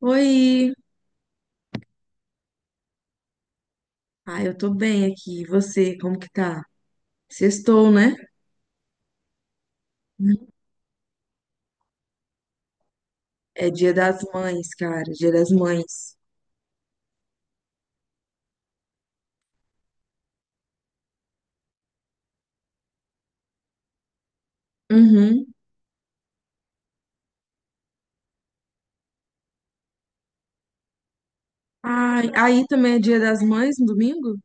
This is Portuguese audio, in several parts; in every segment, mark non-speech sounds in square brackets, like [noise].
Oi! Ah, eu tô bem aqui. E você, como que tá? Sextou, né? Uhum. É Dia das Mães, cara. Dia das Mães. Uhum. Ai, aí também é Dia das Mães no domingo?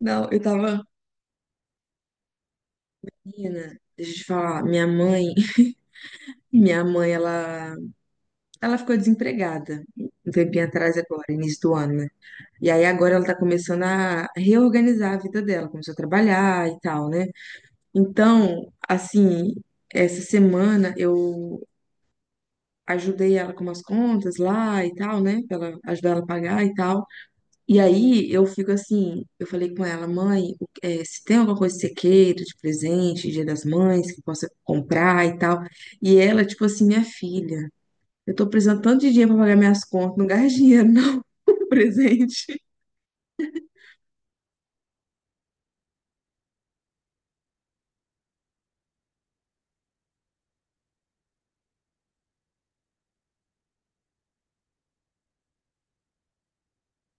Não, eu tava. Menina, deixa eu te falar. Minha mãe, [laughs] minha mãe, ela ficou desempregada um tempinho atrás agora, início do ano, né? E aí agora ela tá começando a reorganizar a vida dela, começou a trabalhar e tal, né? Então, assim, essa semana eu ajudei ela com umas contas lá e tal, né? Pra ela ajudar ela a pagar e tal. E aí eu fico assim, eu falei com ela, mãe, se tem alguma coisa que você queira de presente, Dia das Mães, que possa comprar e tal. E ela, tipo assim, minha filha, eu tô precisando tanto de dinheiro pra pagar minhas contas, não gasta dinheiro, não, [laughs] presente.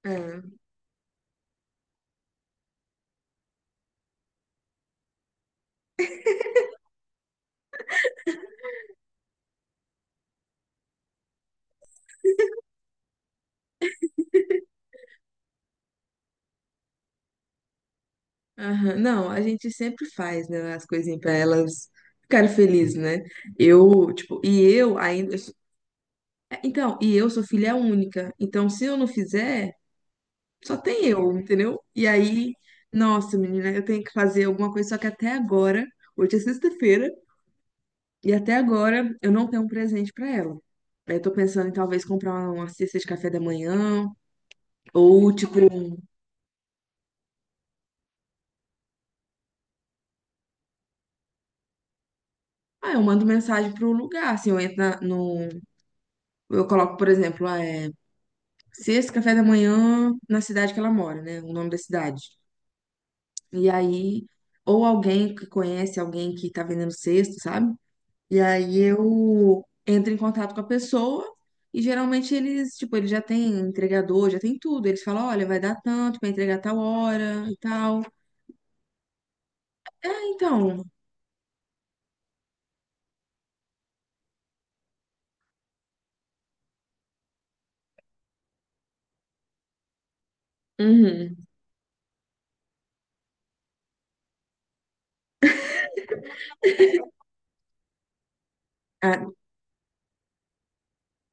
É, aham. Não, a gente sempre faz, né, as coisinhas pra elas ficarem felizes, né? Eu, tipo, e eu ainda. Então, e eu sou filha única. Então, se eu não fizer, só tem eu, entendeu? E aí, nossa, menina, eu tenho que fazer alguma coisa, só que até agora, hoje é sexta-feira, e até agora eu não tenho um presente pra ela. Aí eu tô pensando em talvez comprar uma cesta de café da manhã, ou tipo, ah, eu mando mensagem pro lugar, assim, eu entro no. Eu coloco, por exemplo, ah, é, cesta café da manhã na cidade que ela mora, né? O nome da cidade. E aí, ou alguém que conhece alguém que tá vendendo cesto, sabe? E aí eu entro em contato com a pessoa e geralmente eles, tipo, eles já têm entregador, já tem tudo. Eles falam, olha, vai dar tanto para entregar tal hora e tal. Ah, então, uhum. Ah,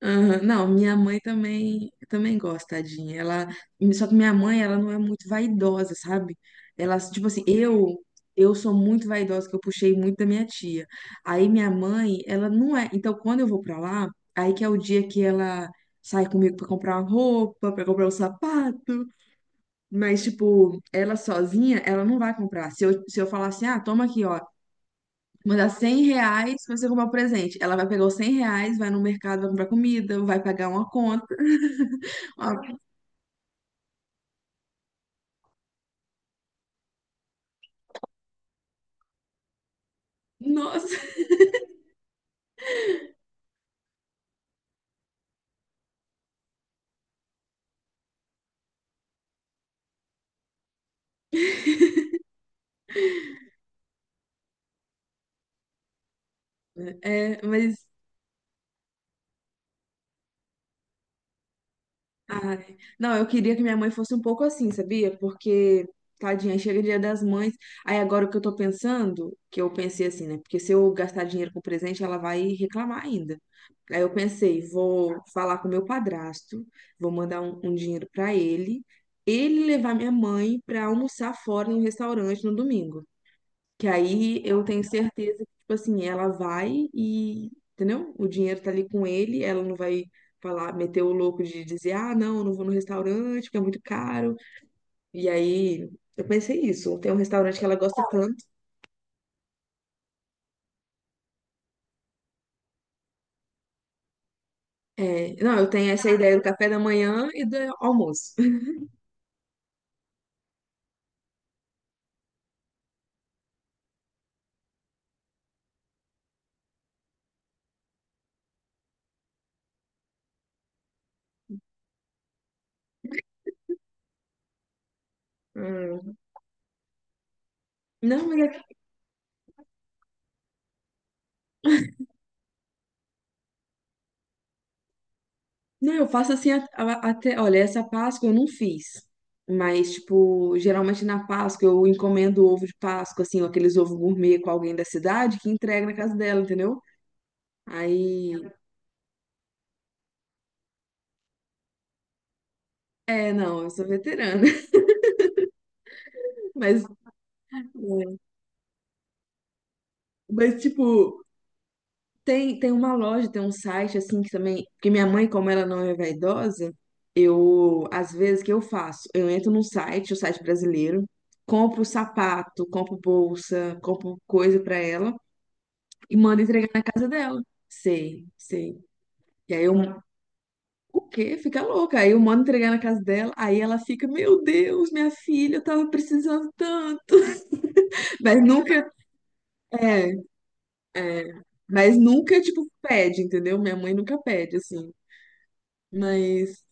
aham, não, minha mãe também, também gosta, tadinha. Ela, só que minha mãe, ela não é muito vaidosa, sabe? Ela, tipo assim, eu sou muito vaidosa, que eu puxei muito da minha tia. Aí minha mãe, ela não é. Então, quando eu vou pra lá, aí que é o dia que ela sai comigo pra comprar uma roupa, pra comprar um sapato. Mas, tipo, ela sozinha, ela não vai comprar. Se eu falar assim, ah, toma aqui, ó, mandar R$ 100 pra você comprar um presente. Ela vai pegar os R$ 100, vai no mercado, vai comprar comida, vai pagar uma ah, nossa. É, mas. Ai. Não, eu queria que minha mãe fosse um pouco assim, sabia? Porque, tadinha, chega Dia das Mães. Aí agora o que eu tô pensando, que eu pensei assim, né? Porque se eu gastar dinheiro com presente, ela vai reclamar ainda. Aí eu pensei, vou falar com meu padrasto, vou mandar um dinheiro pra ele, ele levar minha mãe pra almoçar fora no restaurante no domingo. Que aí eu tenho certeza que, tipo assim, ela vai e, entendeu? O dinheiro tá ali com ele, ela não vai falar, meter o louco de dizer, ah, não, eu não vou no restaurante, porque é muito caro. E aí eu pensei isso, tem um restaurante que ela gosta tanto. É, não, eu tenho essa ideia do café da manhã e do almoço. [laughs] Hum. Não, mas é Não, eu faço assim até. Olha, essa Páscoa eu não fiz. Mas, tipo, geralmente na Páscoa eu encomendo ovo de Páscoa, assim, ou aqueles ovos gourmet com alguém da cidade que entrega na casa dela, entendeu? Aí. É, não, eu sou veterana. [laughs] Mas, é, mas tipo, tem uma loja, tem um site, assim, que também. Porque minha mãe, como ela não é vaidosa, eu. Às vezes, o que eu faço? Eu entro num site, o site brasileiro, compro sapato, compro bolsa, compro coisa pra ela. E manda entregar na casa dela. Sei, sei. E aí eu, o quê? Fica louca. Aí eu mando entregar na casa dela, aí ela fica, meu Deus, minha filha, eu tava precisando tanto. [laughs] Mas nunca, é, é, mas nunca, tipo, pede, entendeu? Minha mãe nunca pede, assim. Mas,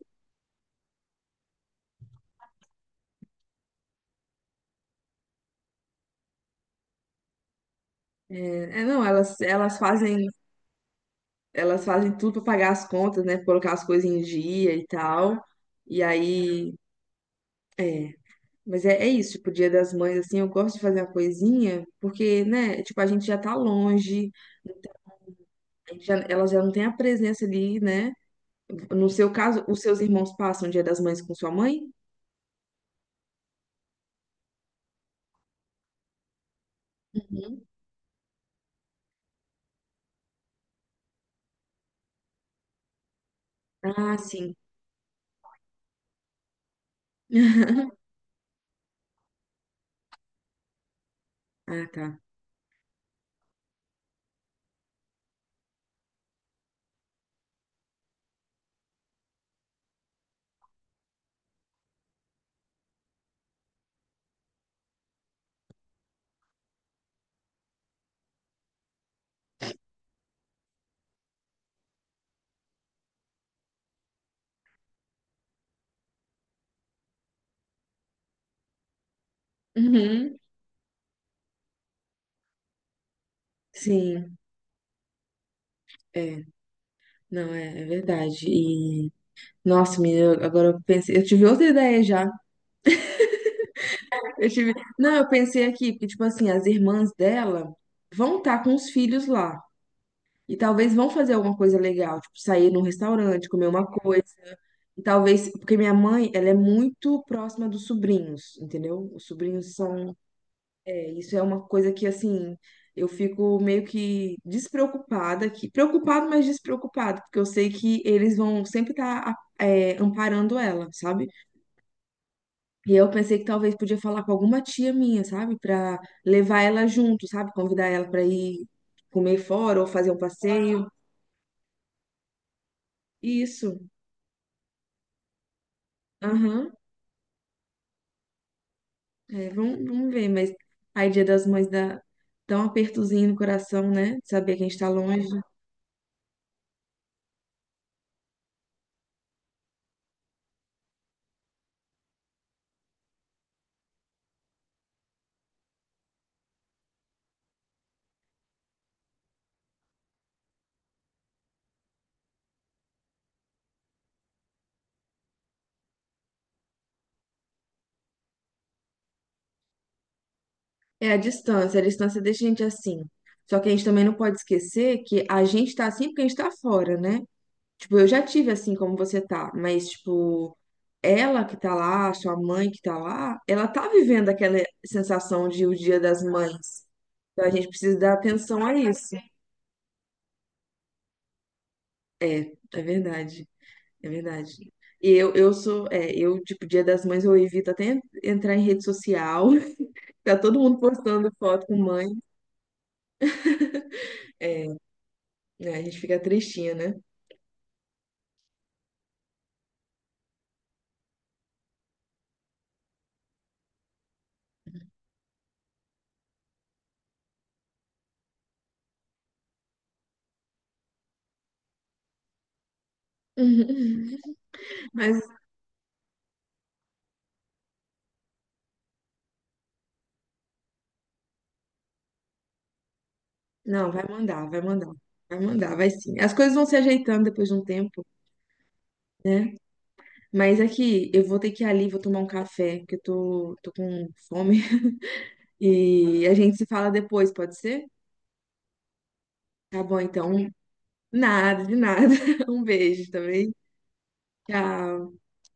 é, é, não, elas, elas fazem tudo pra pagar as contas, né? Colocar as coisas em dia e tal. E aí, é. Mas é, é isso, tipo, Dia das Mães, assim, eu gosto de fazer uma coisinha, porque, né, tipo, a gente já tá longe, então, a gente já- ela já não tem a presença ali, né? No seu caso, os seus irmãos passam o Dia das Mães com sua mãe? Uhum. Ah, sim. [laughs] Ah, tá. Uhum. Sim, é. Não, é, é verdade. E, nossa, menina, agora eu pensei, eu tive outra ideia já. Eu tive, não, eu pensei aqui, porque, tipo assim, as irmãs dela vão estar com os filhos lá. E talvez vão fazer alguma coisa legal, tipo sair num restaurante, comer uma coisa. E talvez, porque minha mãe, ela é muito próxima dos sobrinhos, entendeu? Os sobrinhos são, é, isso é uma coisa que assim, eu fico meio que despreocupada aqui, preocupado, mas despreocupada, porque eu sei que eles vão sempre estar amparando ela, sabe? E eu pensei que talvez podia falar com alguma tia minha, sabe, pra levar ela junto, sabe, convidar ela pra ir comer fora ou fazer um passeio. Isso. Aham. É, vamos ver, mas aí Dia das Mães dá, dá um apertozinho no coração, né? De saber que a gente tá longe. É a distância deixa a gente assim. Só que a gente também não pode esquecer que a gente tá assim porque a gente tá fora, né? Tipo, eu já tive assim como você tá, mas tipo, ela que tá lá, sua mãe que tá lá, ela tá vivendo aquela sensação de o Dia das Mães. Então a gente precisa dar atenção a isso. É verdade. É verdade. E eu sou, é, eu, tipo, Dia das Mães, eu evito até entrar em rede social. [laughs] Tá todo mundo postando foto com mãe. Né? A gente fica tristinha, né? [laughs] Mas, não, vai mandar, vai mandar. Vai mandar, vai sim. As coisas vão se ajeitando depois de um tempo, né? Mas aqui, eu vou ter que ir ali, vou tomar um café, que eu tô, tô com fome. [laughs] E a gente se fala depois, pode ser? Tá bom, então. Nada, de nada. [laughs] Um beijo também. Tchau.